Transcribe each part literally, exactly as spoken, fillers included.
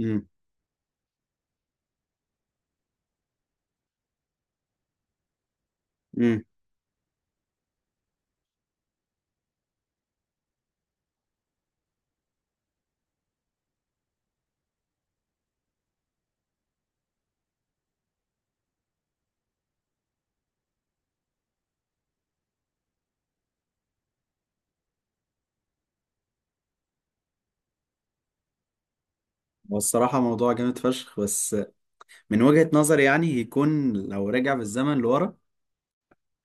امم امم والصراحة موضوع جامد فشخ بس، من وجهة نظري يعني هيكون لو رجع بالزمن لورا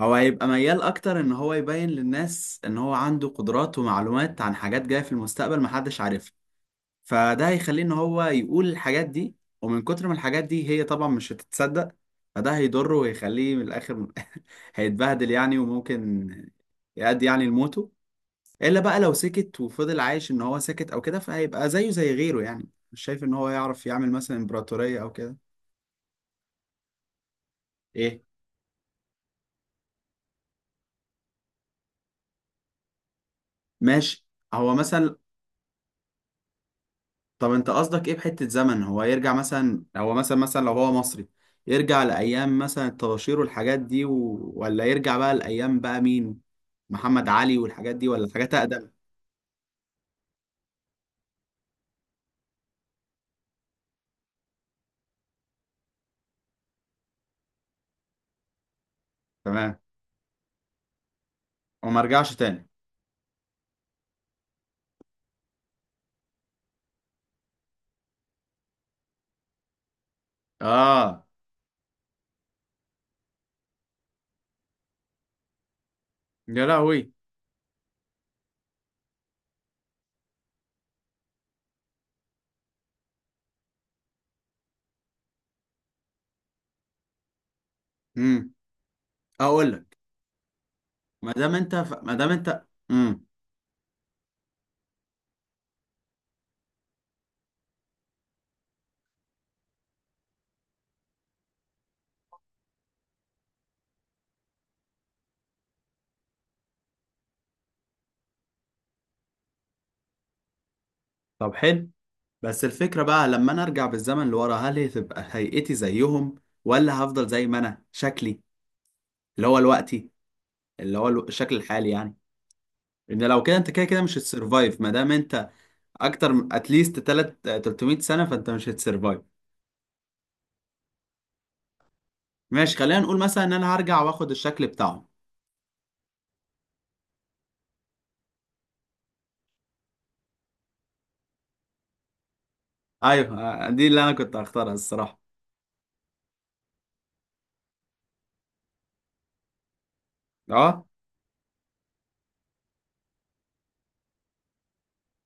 هو هيبقى ميال أكتر إن هو يبين للناس إن هو عنده قدرات ومعلومات عن حاجات جاية في المستقبل محدش عارفها. فده هيخليه إن هو يقول الحاجات دي، ومن كتر ما الحاجات دي هي طبعا مش هتتصدق فده هيضره ويخليه من الآخر هيتبهدل يعني، وممكن يأدي يعني لموته. الا بقى لو سكت وفضل عايش ان هو ساكت او كده فهيبقى زيه زي غيره، يعني مش شايف ان هو يعرف يعمل مثلا امبراطورية او كده. ايه ماشي. هو مثلا طب انت قصدك ايه بحتة زمن؟ هو يرجع مثلا، هو مثلا مثلا لو هو مصري يرجع لايام مثلا الطباشير والحاجات دي و... ولا يرجع بقى لايام بقى مين؟ محمد علي والحاجات دي، ولا حاجات اقدم؟ تمام. وما رجعش تاني. اه يا لهوي. امم اقول لك. ما دام انت ف... ما دام انت. امم طب حلو. بس الفكرة بقى لما أنا أرجع بالزمن لورا هل هتبقى هيئتي زيهم، ولا هفضل زي ما أنا شكلي اللي هو الوقتي، اللي هو الو- الشكل الحالي يعني. إن لو كده أنت كده كده مش هتسرفايف ما دام أنت أكتر من أتليست تلات تلتمية سنة، فأنت مش هتسرفايف. ماشي خلينا نقول مثلا إن أنا هرجع وآخد الشكل بتاعهم. أيوه. آه، دي اللي أنا كنت هختارها الصراحة. أه.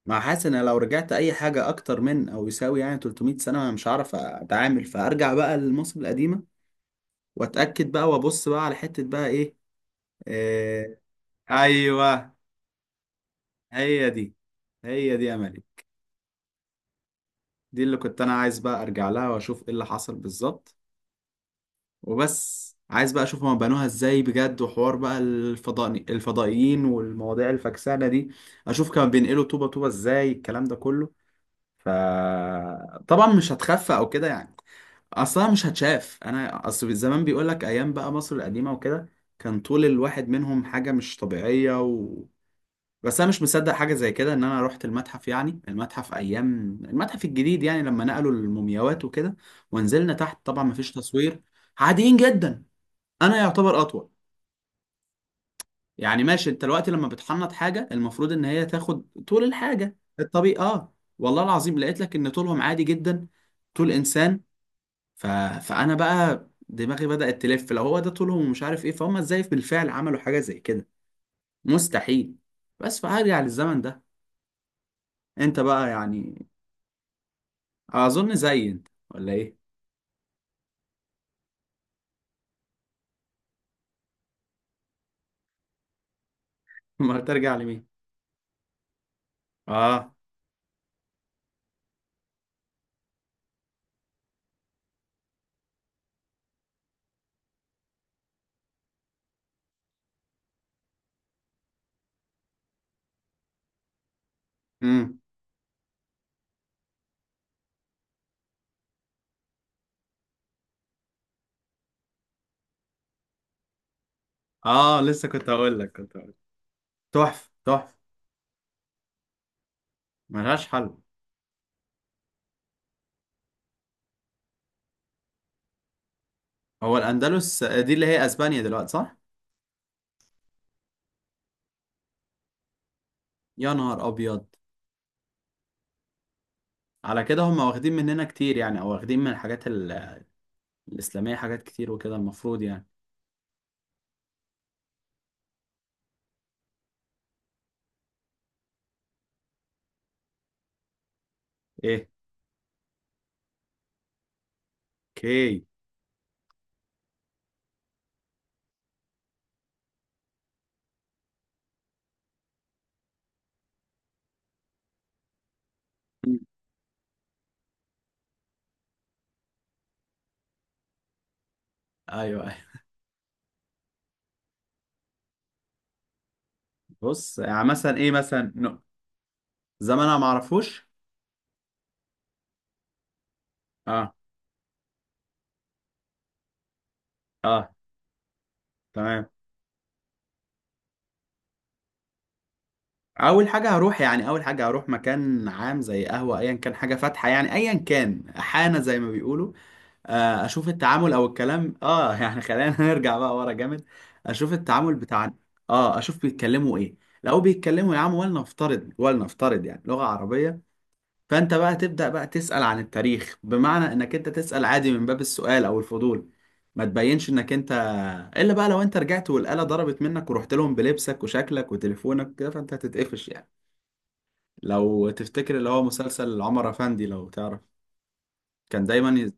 ما حاسس إن لو رجعت أي حاجة أكتر من أو يساوي يعني تلتمية سنة أنا مش هعرف أتعامل، فأرجع بقى لمصر القديمة واتاكد بقى وابص بقى على حته بقى ايه. إيه؟ ايوه. هي دي. هي دي املي. دي اللي كنت انا عايز بقى ارجع لها واشوف ايه اللي حصل بالظبط، وبس عايز بقى اشوف هما بنوها ازاي بجد، وحوار بقى الفضائي الفضائيين والمواضيع الفكسانه دي. اشوف كانوا بينقلوا طوبه طوبه ازاي الكلام ده كله. ف طبعا مش هتخفى او كده يعني، اصلا مش هتشاف. انا اصل زمان بيقول لك ايام بقى مصر القديمه وكده كان طول الواحد منهم حاجه مش طبيعيه، بس انا مش مصدق حاجه زي كده. ان انا رحت المتحف، يعني المتحف ايام المتحف الجديد يعني، لما نقلوا المومياوات وكده، ونزلنا تحت، طبعا مفيش تصوير، عاديين جدا. انا يعتبر اطول. يعني ماشي، انت الوقت لما بتحنط حاجه المفروض ان هي تاخد طول الحاجه الطبيعي، اه والله العظيم لقيت لك ان طولهم عادي جدا، طول انسان. ف... فانا بقى دماغي بدأت تلف، لو هو ده طولهم، ومش عارف ايه، فهم ازاي بالفعل عملوا حاجه زي كده؟ مستحيل. بس فهرجع للزمن ده. انت بقى يعني اظن زي انت ولا ايه؟ ما ترجع لمين. اه. امم اه لسه كنت هقول لك. كنت هقول لك. تحفه تحفه، ملهاش حل. هو الاندلس دي اللي هي اسبانيا دلوقتي، صح؟ يا نهار ابيض. على كده هم واخدين مننا كتير يعني، او واخدين من الحاجات ال- الاسلاميه حاجات كتير وكده، المفروض يعني. ايه. اوكي. مم. ايوه ايوه. بص يعني مثلا ايه مثلا ن- زمن انا ما اعرفوش. اه. اه. تمام. اول حاجه هروح يعني اول حاجه هروح مكان عام زي قهوه، ايا كان حاجه فاتحه يعني، ايا كان حانه زي ما بيقولوا. آه، اشوف التعامل او الكلام، اه يعني خلينا نرجع بقى ورا جامد. اشوف التعامل بتاع اه اشوف بيتكلموا ايه. لو بيتكلموا يا عم ولنفترض ولنفترض يعني لغه عربيه، فانت بقى تبدا بقى تسال عن التاريخ، بمعنى انك انت تسال عادي من باب السؤال او الفضول، ما تبينش انك انت. الا بقى لو انت رجعت والآلة ضربت منك ورحت لهم بلبسك وشكلك وتليفونك كده فانت هتتقفش يعني. لو تفتكر اللي هو مسلسل عمر أفندي، لو تعرف، كان دايما ي...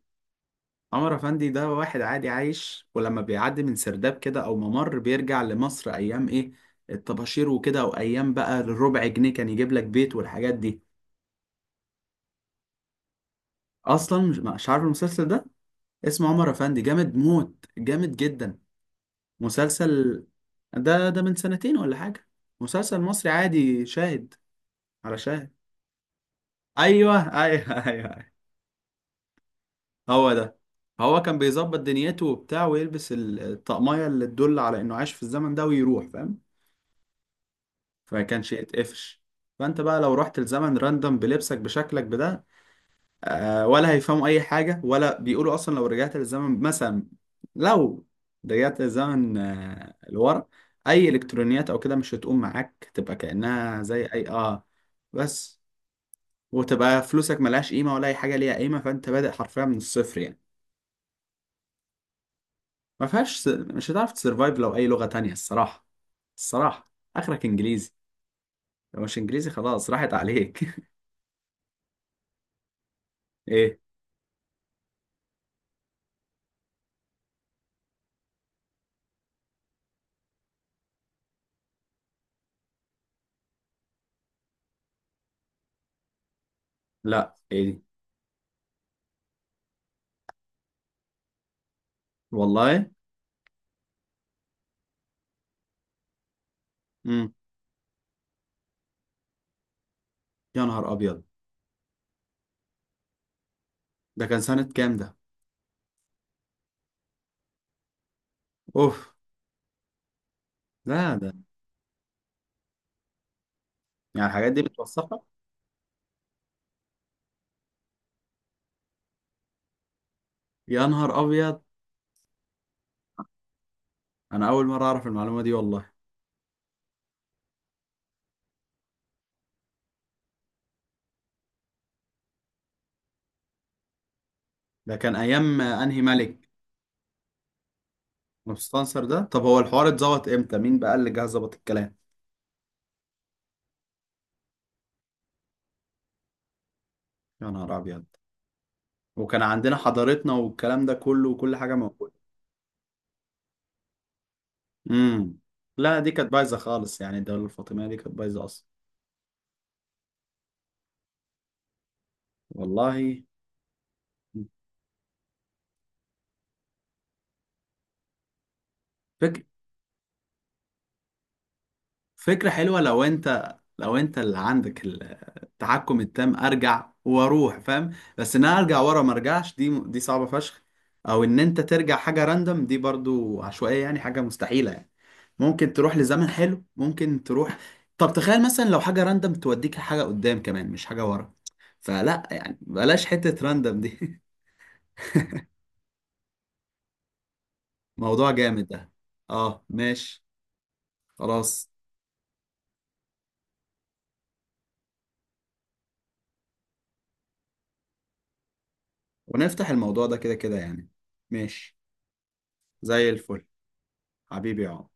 عمر أفندي ده واحد عادي عايش، ولما بيعدي من سرداب كده أو ممر بيرجع لمصر أيام إيه، الطباشير وكده، وأيام بقى الربع جنيه كان يجيب لك بيت والحاجات دي. أصلا مش مش عارف المسلسل ده؟ اسمه عمر أفندي، جامد موت، جامد جدا. مسلسل. ده ده من سنتين ولا حاجة. مسلسل مصري عادي، شاهد، على شاهد. أيوه أيوه أيوه، هو ده. هو كان بيظبط دنيته وبتاع، ويلبس ال- الطقمية اللي تدل على انه عاش في الزمن ده، ويروح فاهم، فما كانش يتقفش. فانت بقى لو رحت الزمن راندم بلبسك بشكلك بده، آه ولا هيفهموا اي حاجة ولا بيقولوا اصلا. لو رجعت للزمن مثلا، لو رجعت للزمن آه لورا، اي الكترونيات او كده مش هتقوم معاك، تبقى كأنها زي اي اه بس. وتبقى فلوسك ملهاش قيمة، ولا اي حاجة ليها قيمة، فانت بادئ حرفيا من الصفر يعني. ما فيهاش س... مش هتعرف تسرفايف لو اي لغة تانية الصراحة. الصراحة اخرك انجليزي، لو مش انجليزي خلاص راحت عليك. ايه؟ لا ايه دي؟ والله. امم يا نهار ابيض. ده كان سنة كام ده؟ اوف. لا ده، يعني الحاجات دي متوثقة؟ يا نهار ابيض. انا اول مرة اعرف المعلومة دي والله. ده كان ايام آه، انهي ملك؟ مستنصر ده؟ طب هو الحوار اتظبط امتى؟ مين بقى اللي جه ظبط الكلام؟ يا نهار ابيض. وكان عندنا حضارتنا والكلام ده كله، وكل حاجة موجودة. امم لا دي كانت بايظه خالص، يعني الدوله الفاطميه دي كانت بايظه اصلا. والله. فك... فكره حلوه، لو انت لو انت اللي عندك ال- التحكم التام، ارجع واروح فاهم. بس ان انا ارجع ورا ما ارجعش، دي دي صعبه فشخ. او ان انت ترجع حاجه راندم، دي برضو عشوائيه، يعني حاجه مستحيله يعني. ممكن تروح لزمن حلو، ممكن تروح. طب تخيل مثلا لو حاجه راندم توديك حاجه قدام كمان مش حاجه ورا. فلا يعني بلاش حته راندم دي. موضوع جامد ده. اه ماشي. خلاص. ونفتح الموضوع ده كده كده يعني. ماشي. زي الفل. حبيبي يا عمر.